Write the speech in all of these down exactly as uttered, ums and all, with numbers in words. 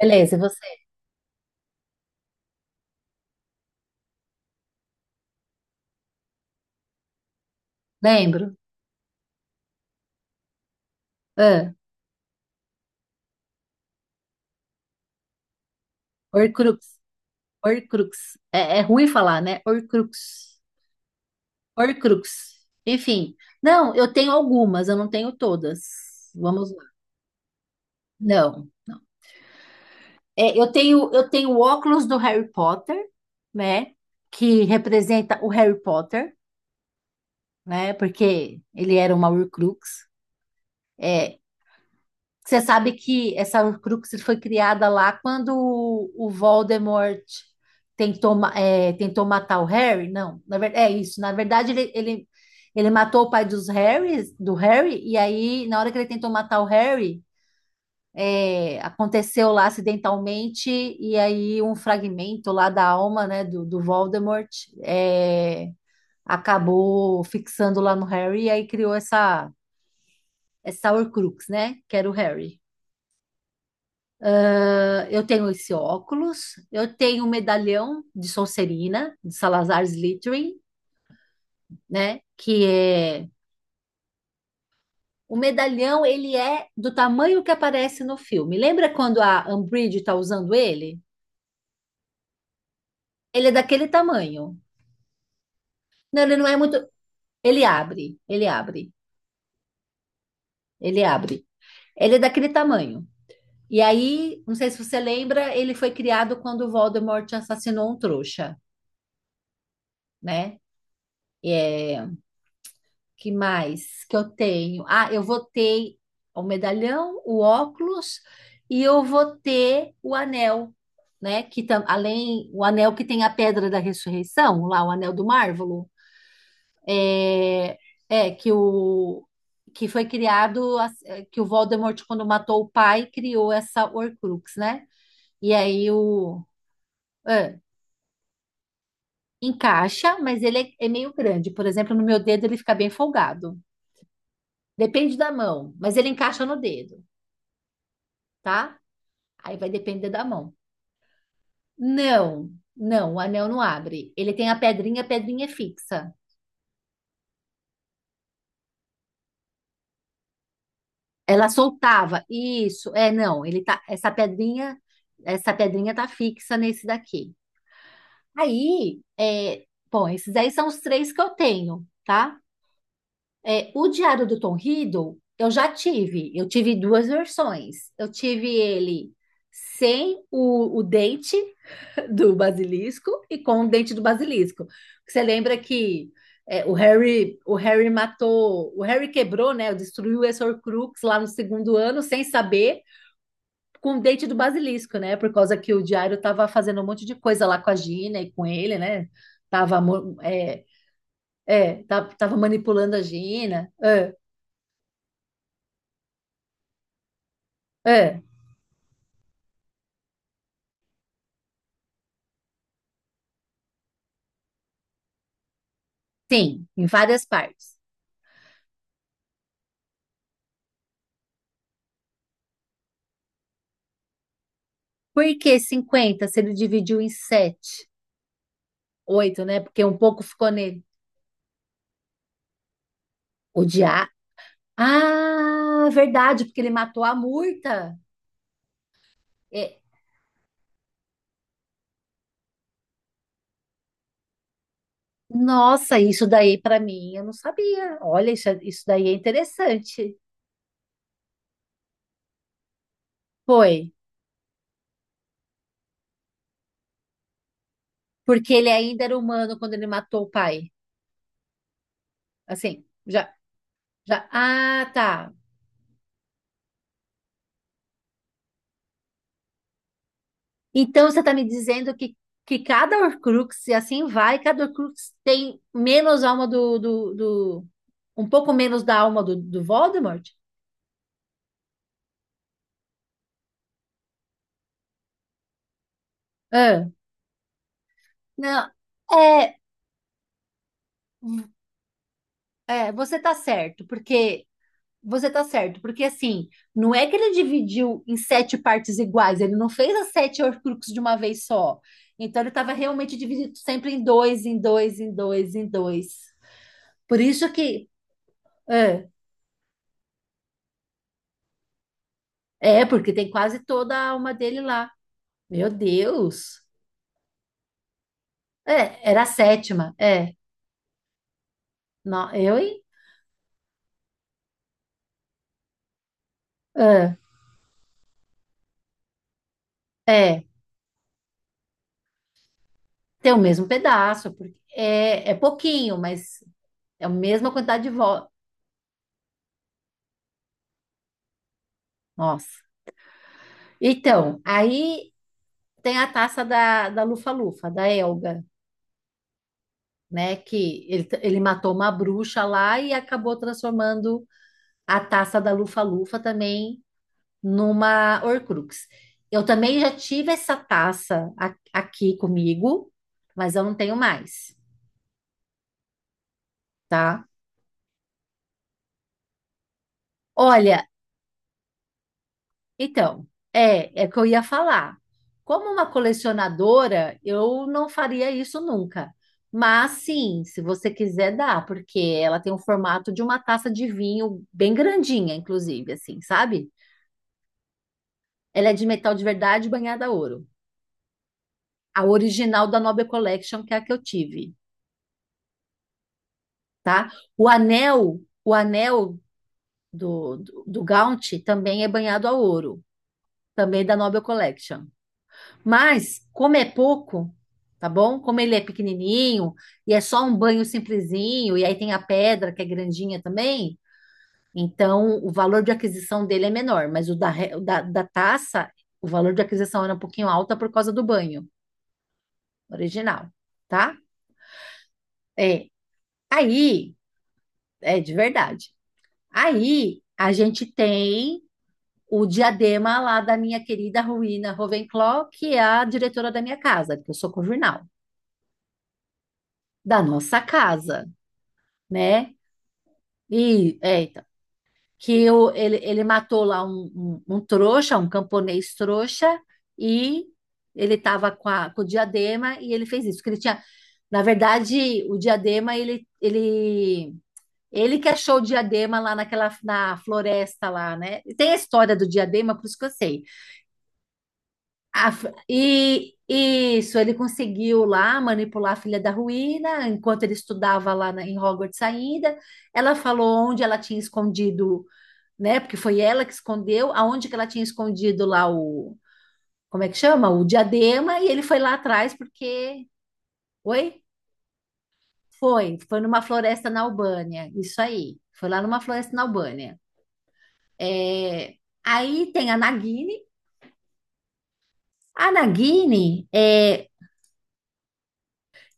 Beleza, e você? Lembro. Ah, Horcrux. Horcrux. É, é ruim falar, né? Horcrux. Horcrux. Enfim. Não, eu tenho algumas, eu não tenho todas. Vamos lá. Não. É, eu tenho, eu tenho o óculos do Harry Potter, né? Que representa o Harry Potter, né? Porque ele era uma Horcrux. É. Você sabe que essa Horcrux foi criada lá quando o o Voldemort tentou, ma- é, tentou matar o Harry? Não, na ver- é isso. Na verdade, ele, ele, ele matou o pai dos Harrys, do Harry, e aí, na hora que ele tentou matar o Harry, é, aconteceu lá acidentalmente, e aí um fragmento lá da alma, né, do, do Voldemort, é, acabou fixando lá no Harry, e aí criou essa, essa Horcrux, né, que era o Harry. Ah, eu tenho esse óculos, eu tenho um medalhão de Sonserina, de Salazar Slytherin, né? Que é o medalhão, ele é do tamanho que aparece no filme. Lembra quando a Umbridge está usando ele? Ele é daquele tamanho. Não, ele não é muito. Ele abre, ele abre, ele abre. Ele é daquele tamanho. E aí, não sei se você lembra, ele foi criado quando o Voldemort assassinou um trouxa, né? é Que mais que eu tenho? Ah, eu votei o medalhão, o óculos e eu votei o anel, né? Que tam, além o anel que tem a pedra da ressurreição, lá o anel do Marvolo, é, é que o que foi criado as- é, que o Voldemort, quando matou o pai, criou essa Horcrux, né? E aí o é, Encaixa, mas ele é é meio grande. Por exemplo, no meu dedo ele fica bem folgado. Depende da mão, mas ele encaixa no dedo. Tá? Aí vai depender da mão. Não, não, o anel não abre. Ele tem a pedrinha, a pedrinha é fixa. Ela soltava. Isso, é, não, ele tá, essa pedrinha, essa pedrinha tá fixa nesse daqui. Aí, é, bom, esses aí são os três que eu tenho, tá? É, o Diário do Tom Riddle, eu já tive. Eu tive duas versões. Eu tive ele sem o, o dente, do basilisco e com o dente do basilisco. Você lembra que é, o Harry, o Harry matou, o Harry quebrou, né? Destruiu o Horcrux lá no segundo ano sem saber, com o dente do basilisco, né? Por causa que o Diário tava fazendo um monte de coisa lá com a Gina e com ele, né? Tava, mo- é, é, tá- tava manipulando a Gina. É, sim, em várias partes. Por que cinquenta se ele dividiu em sete, oito, né? Porque um pouco ficou nele. O, Ah, verdade, porque ele matou a Murta. É, nossa, isso daí para mim eu não sabia. Olha, isso, é- isso daí é interessante. Foi, porque ele ainda era humano quando ele matou o pai. Assim, já, já. Ah, tá. Então, você está me dizendo que, que cada Horcrux, e assim vai, cada Horcrux tem menos alma do, do, do- um pouco menos da alma do, do Voldemort? Ah, não. É, é, Você tá certo, porque você tá certo, porque assim, não é que ele dividiu em sete partes iguais, ele não fez as sete Horcruxes de uma vez só. Então, ele estava realmente dividido sempre em dois, em dois, em dois, em dois. Por isso que é, é, porque tem quase toda a alma dele lá. Meu Deus. É, era a sétima. É, não, eu e é, é, Tem o mesmo pedaço, porque é, é pouquinho, mas é a mesma quantidade de votos. Nossa. Então, aí tem a taça da, da Lufa-Lufa, da Elga, né? Que ele, ele matou uma bruxa lá e acabou transformando a taça da Lufa-Lufa também numa Horcrux. Eu também já tive essa taça a- aqui comigo, mas eu não tenho mais, tá? Olha, então, é, é que eu ia falar. Como uma colecionadora, eu não faria isso nunca. Mas sim, se você quiser dá, porque ela tem o formato de uma taça de vinho bem grandinha, inclusive, assim, sabe? Ela é de metal de verdade, banhada a ouro. A original da Nobel Collection, que é a que eu tive, tá? O anel, o anel do, do, do Gaunt também é banhado a ouro, também da Nobel Collection. Mas, como é pouco, tá bom? Como ele é pequenininho e é só um banho simplesinho, e aí tem a pedra que é grandinha também, então o valor de aquisição dele é menor, mas o da, re- o da, da taça, o valor de aquisição era um pouquinho alta por causa do banho original, tá? É. Aí, é de verdade. Aí a gente tem o diadema lá da minha querida Ruína Ravenclaw, que é a diretora da minha casa, que eu sou conjunal, da nossa casa. Né? E é, então, que o ele, ele matou lá um, um, um trouxa, um camponês trouxa, e ele estava com, a- com o diadema e ele fez isso. Que ele tinha, na verdade, o diadema ele, ele ele que achou o diadema lá naquela na floresta lá, né? E tem a história do diadema, por isso que eu sei. A f- e isso, ele conseguiu lá manipular a filha da ruína, enquanto ele estudava lá na- em Hogwarts ainda. Ela falou onde ela tinha escondido, né? Porque foi ela que escondeu, aonde que ela tinha escondido lá o, como é que chama? O diadema, e ele foi lá atrás porque, oi? Foi, foi numa floresta na Albânia, isso aí. Foi lá numa floresta na Albânia. É, aí tem a Nagini. A Nagini, é,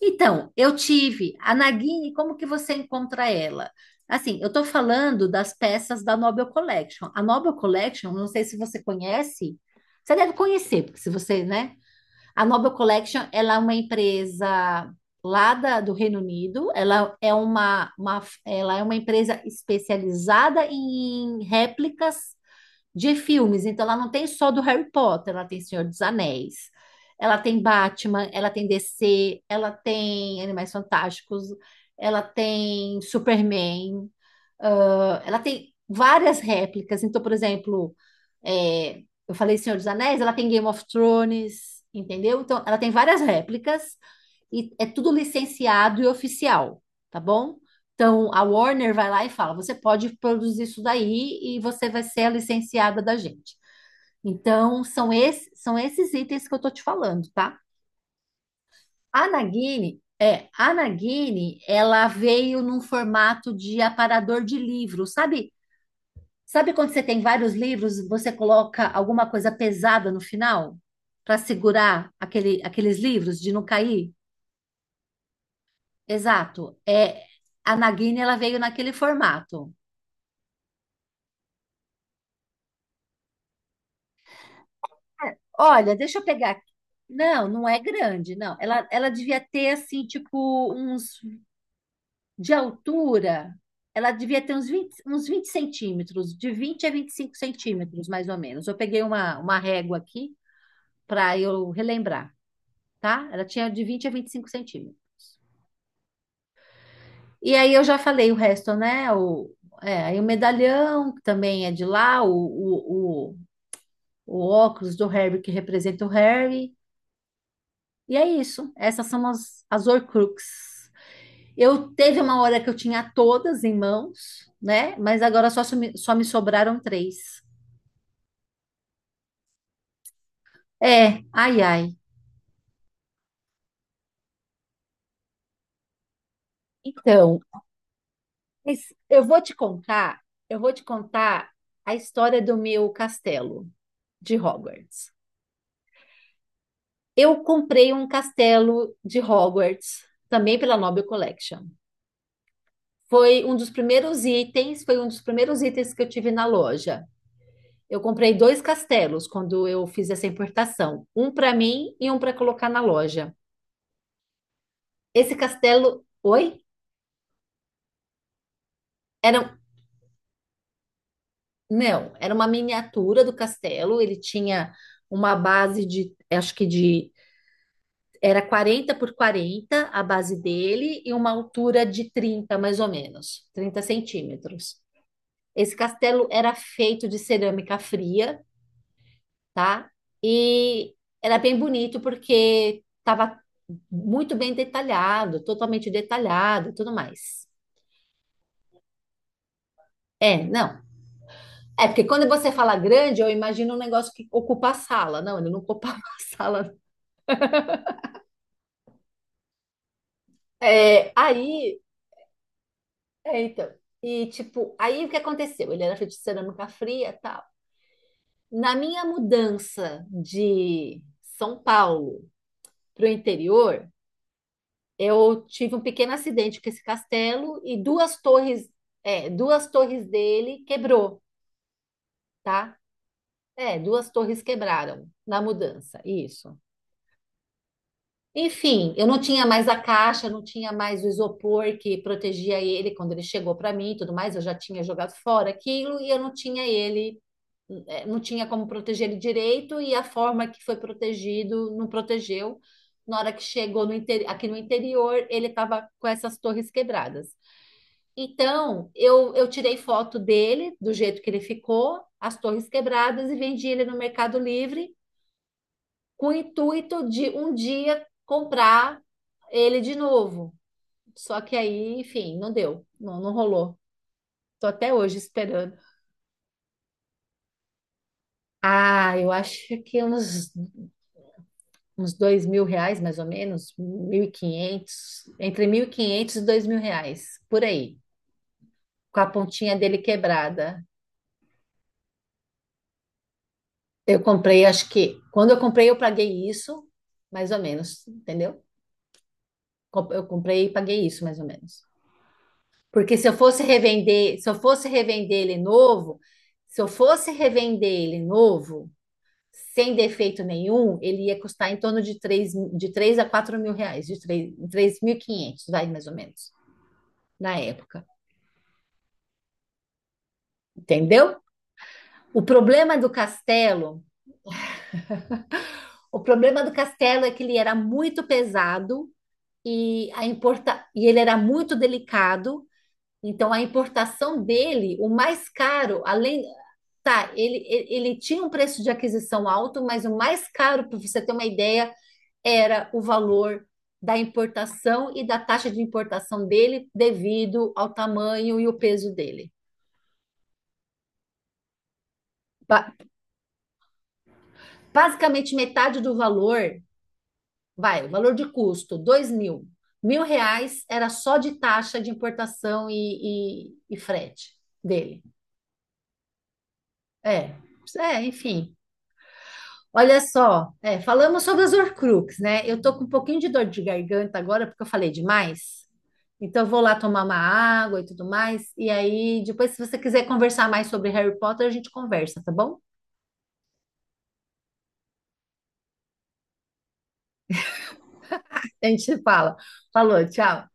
Então, eu tive a Nagini, como que você encontra ela? Assim, eu estou falando das peças da Nobel Collection. A Nobel Collection, não sei se você conhece, você deve conhecer, porque se você, né? A Nobel Collection, ela é uma empresa lá da- do Reino Unido, ela é uma, uma, ela é uma empresa especializada em réplicas de filmes. Então, ela não tem só do Harry Potter, ela tem Senhor dos Anéis, ela tem Batman, ela tem D C, ela tem Animais Fantásticos, ela tem Superman, ah, ela tem várias réplicas. Então, por exemplo, é, eu falei Senhor dos Anéis, ela tem Game of Thrones, entendeu? Então, ela tem várias réplicas e é tudo licenciado e oficial, tá bom? Então, a Warner vai lá e fala: você pode produzir isso daí e você vai ser a licenciada da gente. Então, são, esse, são esses itens que eu tô te falando, tá? A Nagini, é, a Nagini, ela veio num formato de aparador de livro, sabe? Sabe quando você tem vários livros, e você coloca alguma coisa pesada no final para segurar aquele, aqueles livros de não cair? Exato. É, a Nagini, ela veio naquele formato. Olha, deixa eu pegar aqui. Não, não é grande, não. Ela, ela devia ter assim, tipo, uns de altura, ela devia ter uns vinte, uns vinte centímetros, de vinte a vinte e cinco centímetros, mais ou menos. Eu peguei uma, uma régua aqui para eu relembrar, tá? Ela tinha de vinte a vinte e cinco centímetros. E aí eu já falei o resto, né? O, é, aí o medalhão, que também é de lá, o, o, o, o óculos do Harry, que representa o Harry. E é isso. Essas são as, as Horcruxes. Eu teve uma hora que eu tinha todas em mãos, né? Mas agora só, só me sobraram três. É, ai, ai. Então, mas eu vou te contar, eu vou te contar a história do meu castelo de Hogwarts. Eu comprei um castelo de Hogwarts também pela Noble Collection. Foi um dos primeiros itens, foi um dos primeiros itens que eu tive na loja. Eu comprei dois castelos quando eu fiz essa importação, um para mim e um para colocar na loja. Esse castelo, oi? Eram Não, era uma miniatura do castelo. Ele tinha uma base de, acho que de, era quarenta por quarenta a base dele e uma altura de trinta, mais ou menos, trinta centímetros. Esse castelo era feito de cerâmica fria, tá? E era bem bonito porque estava muito bem detalhado, totalmente detalhado, e tudo mais. É, não. É porque quando você fala grande, eu imagino um negócio que ocupa a sala. Não, ele não ocupava a sala. É, aí, é, então, e tipo, aí o que aconteceu? Ele era feito de cerâmica fria e tal. Na minha mudança de São Paulo para o interior, eu tive um pequeno acidente com esse castelo e duas torres, é, duas torres dele quebrou, tá? É, duas torres quebraram na mudança, isso. Enfim, eu não tinha mais a caixa, não tinha mais o isopor que protegia ele quando ele chegou para mim e tudo mais. Eu já tinha jogado fora aquilo e eu não tinha ele, eh, não tinha como proteger ele direito. E a forma que foi protegido não protegeu. Na hora que chegou no inte- aqui no interior, ele estava com essas torres quebradas. Então, eu, eu tirei foto dele, do jeito que ele ficou, as torres quebradas, e vendi ele no Mercado Livre com o intuito de um dia comprar ele de novo. Só que aí, enfim, não deu, não, não rolou. Tô até hoje esperando. Ah, eu acho que uns, uns, dois mil reais, mais ou menos, mil e quinhentos, entre mil e quinhentos e dois mil reais, por aí, com a pontinha dele quebrada. Eu comprei, acho que, quando eu comprei, eu paguei isso, mais ou menos, entendeu? Com- Eu comprei e paguei isso, mais ou menos. Porque se eu fosse revender, se eu fosse revender ele novo, se eu fosse revender ele novo, sem defeito nenhum, ele ia custar em torno de três, de três a quatro mil reais, de três, quinhentos, vai, mais ou menos, na época, entendeu? O problema do Castelo, o problema do Castelo é que ele era muito pesado e, a importa, e ele era muito delicado, então a importação dele, o mais caro, além, tá, ele, ele ele tinha um preço de aquisição alto, mas o mais caro, para você ter uma ideia, era o valor da importação e da taxa de importação dele devido ao tamanho e o peso dele. Ba- Basicamente, metade do valor, vai, o valor de custo, dois mil. Mil reais era só de taxa de importação e, e, e frete dele. É, é, enfim. Olha só, é, falamos sobre as Horcrux, né? Eu tô com um pouquinho de dor de garganta agora porque eu falei demais. Então eu vou lá tomar uma água e tudo mais. E aí, depois, se você quiser conversar mais sobre Harry Potter, a gente conversa, tá bom? A gente fala. Falou, tchau.